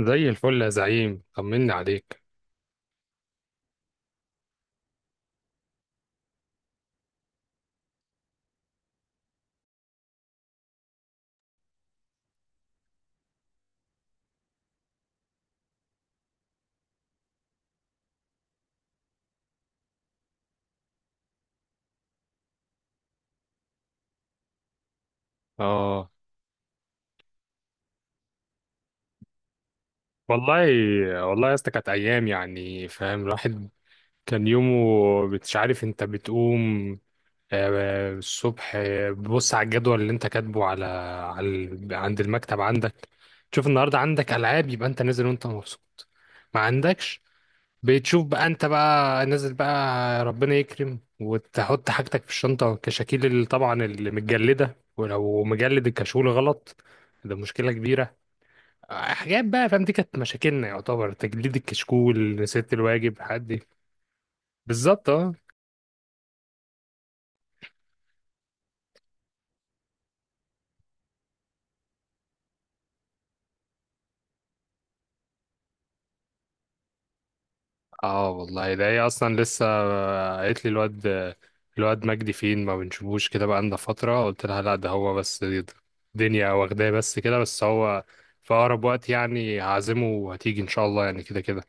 زي الفل يا زعيم طمني عليك. اه والله. يا اسطى كانت ايام يعني فاهم الواحد كان يومه. مش عارف انت بتقوم الصبح، بص على الجدول اللي انت كاتبه على عند المكتب عندك، تشوف النهارده عندك العاب يبقى انت نازل وانت مبسوط. ما عندكش بتشوف بقى انت بقى نازل، بقى ربنا يكرم وتحط حاجتك في الشنطة، كشاكيل اللي طبعا اللي متجلدة، ولو مجلد الكشكول غلط ده مشكلة كبيرة. حاجات بقى فاهم، دي كانت مشاكلنا يعتبر، تجليد الكشكول، نسيت الواجب حد. بالظبط اه. اه والله ده هي اصلا لسه قالت لي، الواد مجدي فين ما بنشوفوش كده بقى لنا فتره؟ قلت لها لا ده هو بس الدنيا واخداه، بس كده بس هو في اقرب وقت يعني هعزمه وهتيجي ان شاء الله يعني كده كده.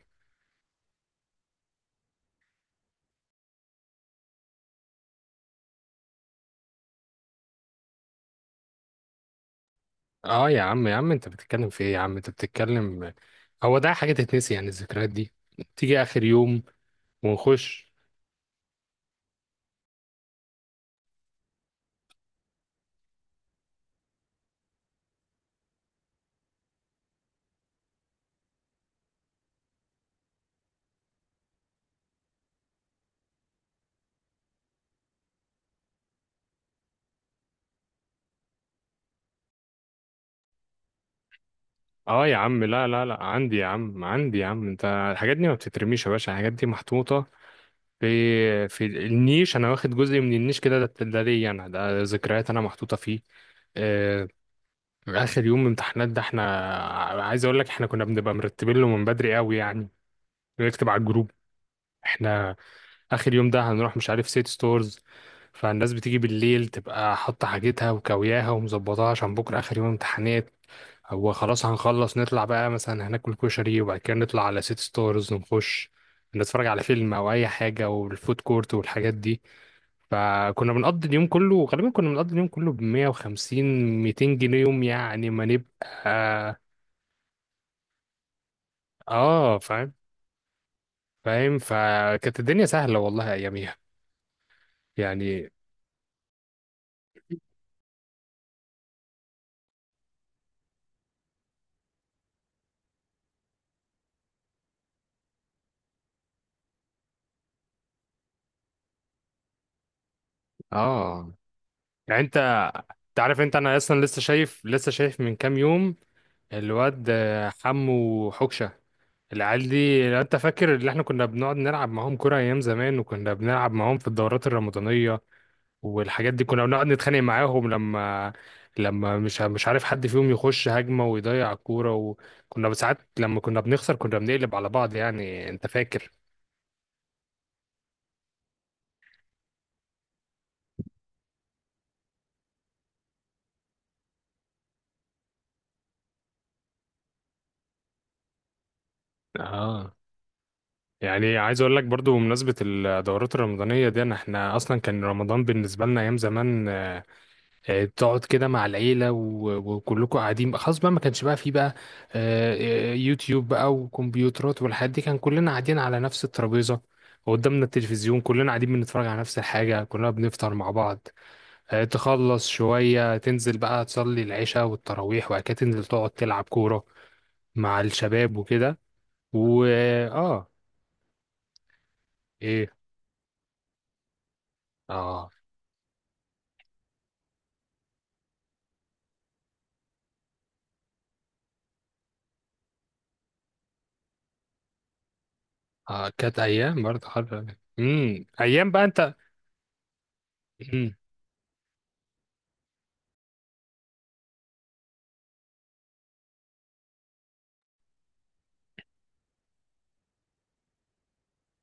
اه يا عم يا عم انت بتتكلم في ايه؟ يا عم انت بتتكلم، هو ده حاجه تتنسي يعني؟ الذكريات دي تيجي اخر يوم ونخش. اه يا عم، لا لا لا، عندي يا عم عندي يا عم. انت الحاجات دي ما بتترميش يا باشا، الحاجات دي محطوطه في النيش، انا واخد جزء من النيش كده، ده ليا انا، ده ذكريات انا محطوطه فيه. آه، اخر يوم امتحانات ده احنا، عايز اقول لك احنا كنا بنبقى مرتبين له من بدري قوي، يعني بنكتب على الجروب احنا اخر يوم ده هنروح مش عارف سيت ستورز. فالناس بتيجي بالليل تبقى حاطه حاجتها وكوياها ومظبطاها عشان بكره اخر يوم امتحانات، هو خلاص هنخلص نطلع بقى مثلا هناكل كشري وبعد كده نطلع على سيت ستورز، ونخش نتفرج على فيلم او اي حاجه، والفود كورت والحاجات دي. فكنا بنقضي اليوم كله، غالبا كنا بنقضي اليوم كله ب 150 200 جنيه يوم يعني، ما نبقى. اه فاهم، فاهم. فكانت الدنيا سهلة والله اياميها يعني. اه يعني انت تعرف انت، انا اصلا لسه شايف، لسه شايف من كام يوم الواد حمو حكشة، العيال دي لو انت فاكر اللي احنا كنا بنقعد نلعب معاهم كرة ايام زمان، وكنا بنلعب معاهم في الدورات الرمضانية والحاجات دي، كنا بنقعد نتخانق معاهم لما مش عارف حد فيهم يخش هجمة ويضيع الكورة، وكنا ساعات لما كنا بنخسر كنا بنقلب على بعض يعني، انت فاكر. اه يعني عايز اقول لك برضو، بمناسبة الدورات الرمضانية دي، انا احنا اصلا كان رمضان بالنسبة لنا ايام زمان، تقعد كده مع العيلة وكلكم قاعدين خلاص بقى، ما كانش بقى فيه بقى يوتيوب بقى وكمبيوترات والحاجات دي، كان كلنا قاعدين على نفس الترابيزة وقدامنا التلفزيون، كلنا قاعدين بنتفرج على نفس الحاجة، كلنا بنفطر مع بعض. تخلص شوية تنزل بقى تصلي العشاء والتراويح، وبعد كده تنزل تقعد تلعب كورة مع الشباب وكده. و اه ايه، اه، كانت ايام برضه حلوة، ايام بقى. انت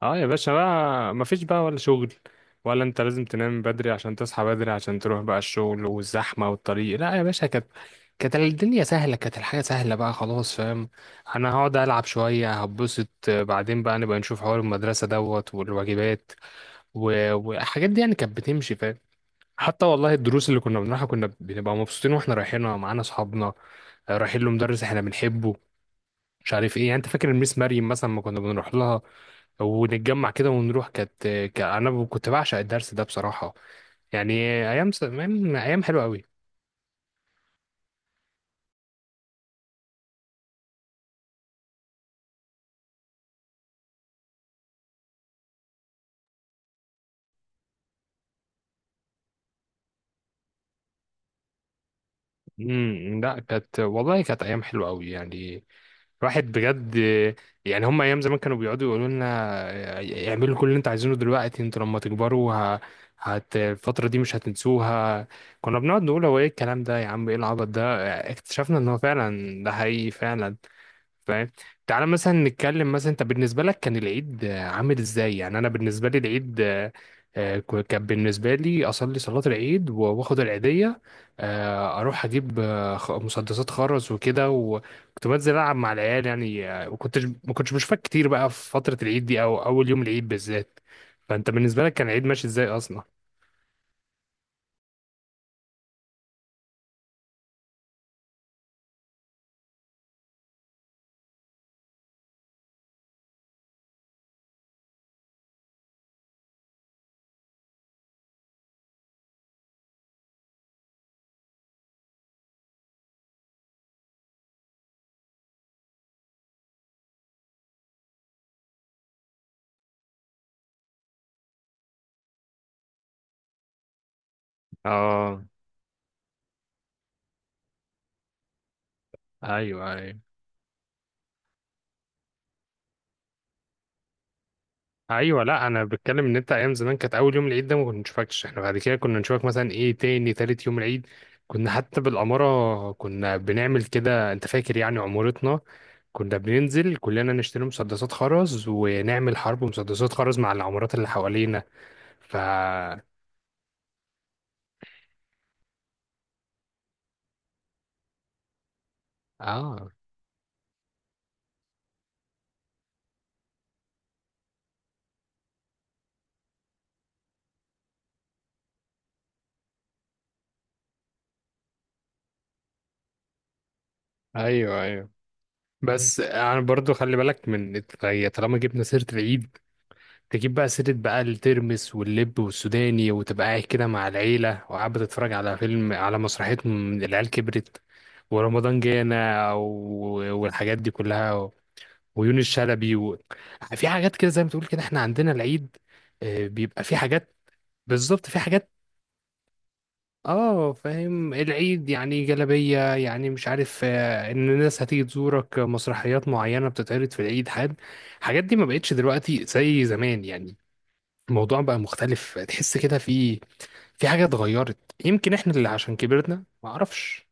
اه يا باشا، بقى مفيش بقى ولا شغل، ولا انت لازم تنام بدري عشان تصحى بدري عشان تروح بقى الشغل والزحمة والطريق. لا يا باشا كانت الدنيا سهلة، كانت الحياة سهلة بقى خلاص، فاهم. انا هقعد العب شوية هبسط، بعدين بقى نبقى نشوف حوار المدرسة دوت والواجبات والحاجات دي يعني، كانت بتمشي فاهم. حتى والله الدروس اللي كنا بنروحها كنا بنبقى مبسوطين واحنا رايحينها، معانا اصحابنا، رايحين لمدرس احنا بنحبه، مش عارف ايه يعني. انت فاكر الميس مريم مثلا، ما كنا بنروح لها ونتجمع كده ونروح، كانت انا كنت بعشق الدرس ده بصراحة يعني. أيام حلوة قوي. لا كانت والله، كانت ايام حلوة قوي يعني، الواحد بجد يعني. هم ايام زمان كانوا بيقعدوا يقولوا لنا اعملوا كل اللي انتوا عايزينه دلوقتي، انتوا لما تكبروا ه... هت الفترة دي مش هتنسوها. كنا بنقعد نقول هو ايه الكلام ده يا عم، ايه العبط ده؟ اكتشفنا ان هو فعلا ده حقيقي فعلا، فاهم. تعالى مثلا نتكلم، مثلا انت بالنسبه لك كان العيد عامل ازاي؟ يعني انا بالنسبه لي العيد، كان بالنسبه لي اصلي صلاه العيد واخد العيديه، اروح اجيب مسدسات خرز وكده، وكنت بنزل العب مع العيال يعني وكنتش، ما كنتش بشوفك كتير بقى في فتره العيد دي، او اول يوم العيد بالذات. فانت بالنسبه لك كان العيد ماشي ازاي اصلا؟ اه ايوه ايوه، ايوه لا انا بتكلم ان انت ايام زمان كانت اول يوم العيد ده ما كنا نشوفكش، احنا بعد كده كنا نشوفك مثلا ايه، تاني تالت يوم العيد. كنا حتى بالاماره كنا بنعمل كده انت فاكر يعني؟ عمارتنا كنا بننزل كلنا نشتري مسدسات خرز، ونعمل حرب مسدسات خرز مع العمارات اللي حوالينا. ف اه ايوه ايوه. بس انا برضو خلي بالك من، هي طالما جبنا سيرة العيد تجيب بقى سيرة بقى الترمس واللب والسوداني، وتبقى قاعد كده مع العيلة، وقاعد بتتفرج على فيلم، على مسرحية، العيال كبرت، ورمضان جانا والحاجات دي كلها، ويونس شلبي في حاجات كده زي ما تقول كده، احنا عندنا العيد بيبقى في حاجات. بالظبط، في حاجات، اه فاهم. العيد يعني جلبية يعني، مش عارف، ان الناس هتيجي تزورك، مسرحيات معينة بتتعرض في العيد، حد. الحاجات دي ما بقتش دلوقتي زي زمان يعني، الموضوع بقى مختلف، تحس كده في حاجة اتغيرت، يمكن احنا اللي عشان كبرنا، ما اعرفش.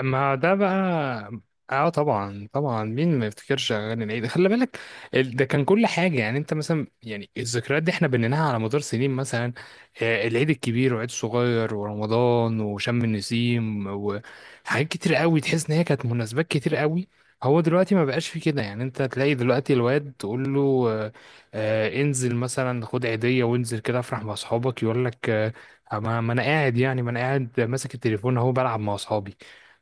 ما ده بقى، اه طبعا طبعا، مين ما يفتكرش اغاني العيد، خلي بالك. ده كان كل حاجه يعني، انت مثلا يعني الذكريات دي احنا بنيناها على مدار سنين، مثلا العيد الكبير والعيد الصغير، ورمضان، وشم النسيم، وحاجات كتير قوي، تحس ان هي كانت مناسبات كتير قوي. هو دلوقتي ما بقاش في كده يعني، انت تلاقي دلوقتي الواد تقول له آه، انزل مثلا خد عيديه وانزل كده افرح مع اصحابك، يقول لك ما انا قاعد يعني، ما انا قاعد ماسك التليفون اهو بلعب مع اصحابي.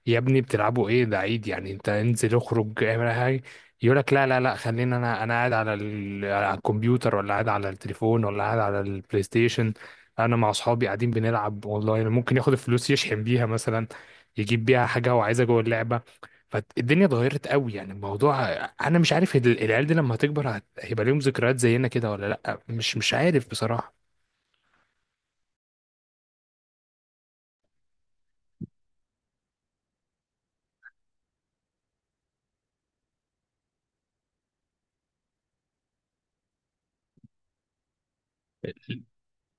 يا ابني بتلعبوا ايه؟ ده عيد يعني، انت انزل اخرج اعمل أي حاجه، يقول لك لا لا لا خلينا، انا قاعد على، على الكمبيوتر، ولا قاعد على التليفون، ولا قاعد على البلاي ستيشن، انا مع اصحابي قاعدين بنلعب اونلاين، ممكن ياخد الفلوس يشحن بيها مثلا، يجيب بيها حاجه هو عايزها جوه اللعبه. فالدنيا اتغيرت قوي يعني الموضوع، انا مش عارف العيال دي لما هتكبر هيبقى ليهم ذكريات زينا كده ولا لا، مش عارف بصراحه.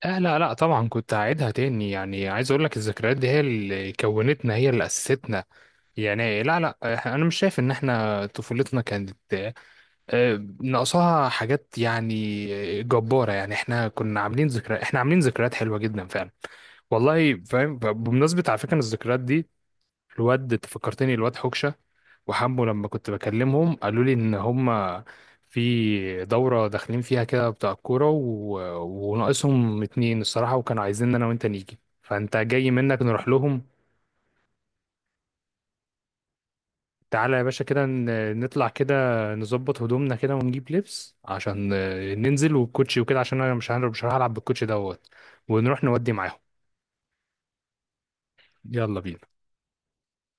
آه لا لا طبعا كنت هعيدها تاني، يعني عايز اقول لك الذكريات دي هي اللي كونتنا، هي اللي اسستنا يعني. لا لا انا مش شايف ان احنا طفولتنا كانت ناقصاها حاجات يعني، جبارة يعني، احنا كنا عاملين ذكريات، احنا عاملين ذكريات حلوة جدا فعلا والله، فاهم. بمناسبة على فكرة إن الذكريات دي، الواد أنت فكرتني، الواد حكشة وحمو لما كنت بكلمهم قالوا لي ان هم في دورة داخلين فيها كده بتاع الكورة وناقصهم اتنين الصراحة، وكانوا عايزين انا وانت نيجي، فانت جاي منك نروح لهم. تعالى يا باشا كده نطلع كده، نظبط هدومنا كده ونجيب لبس عشان ننزل، والكوتشي وكده، عشان انا مش هلعب بالكوتشي دوت، ونروح نودي معاهم. يلا بينا.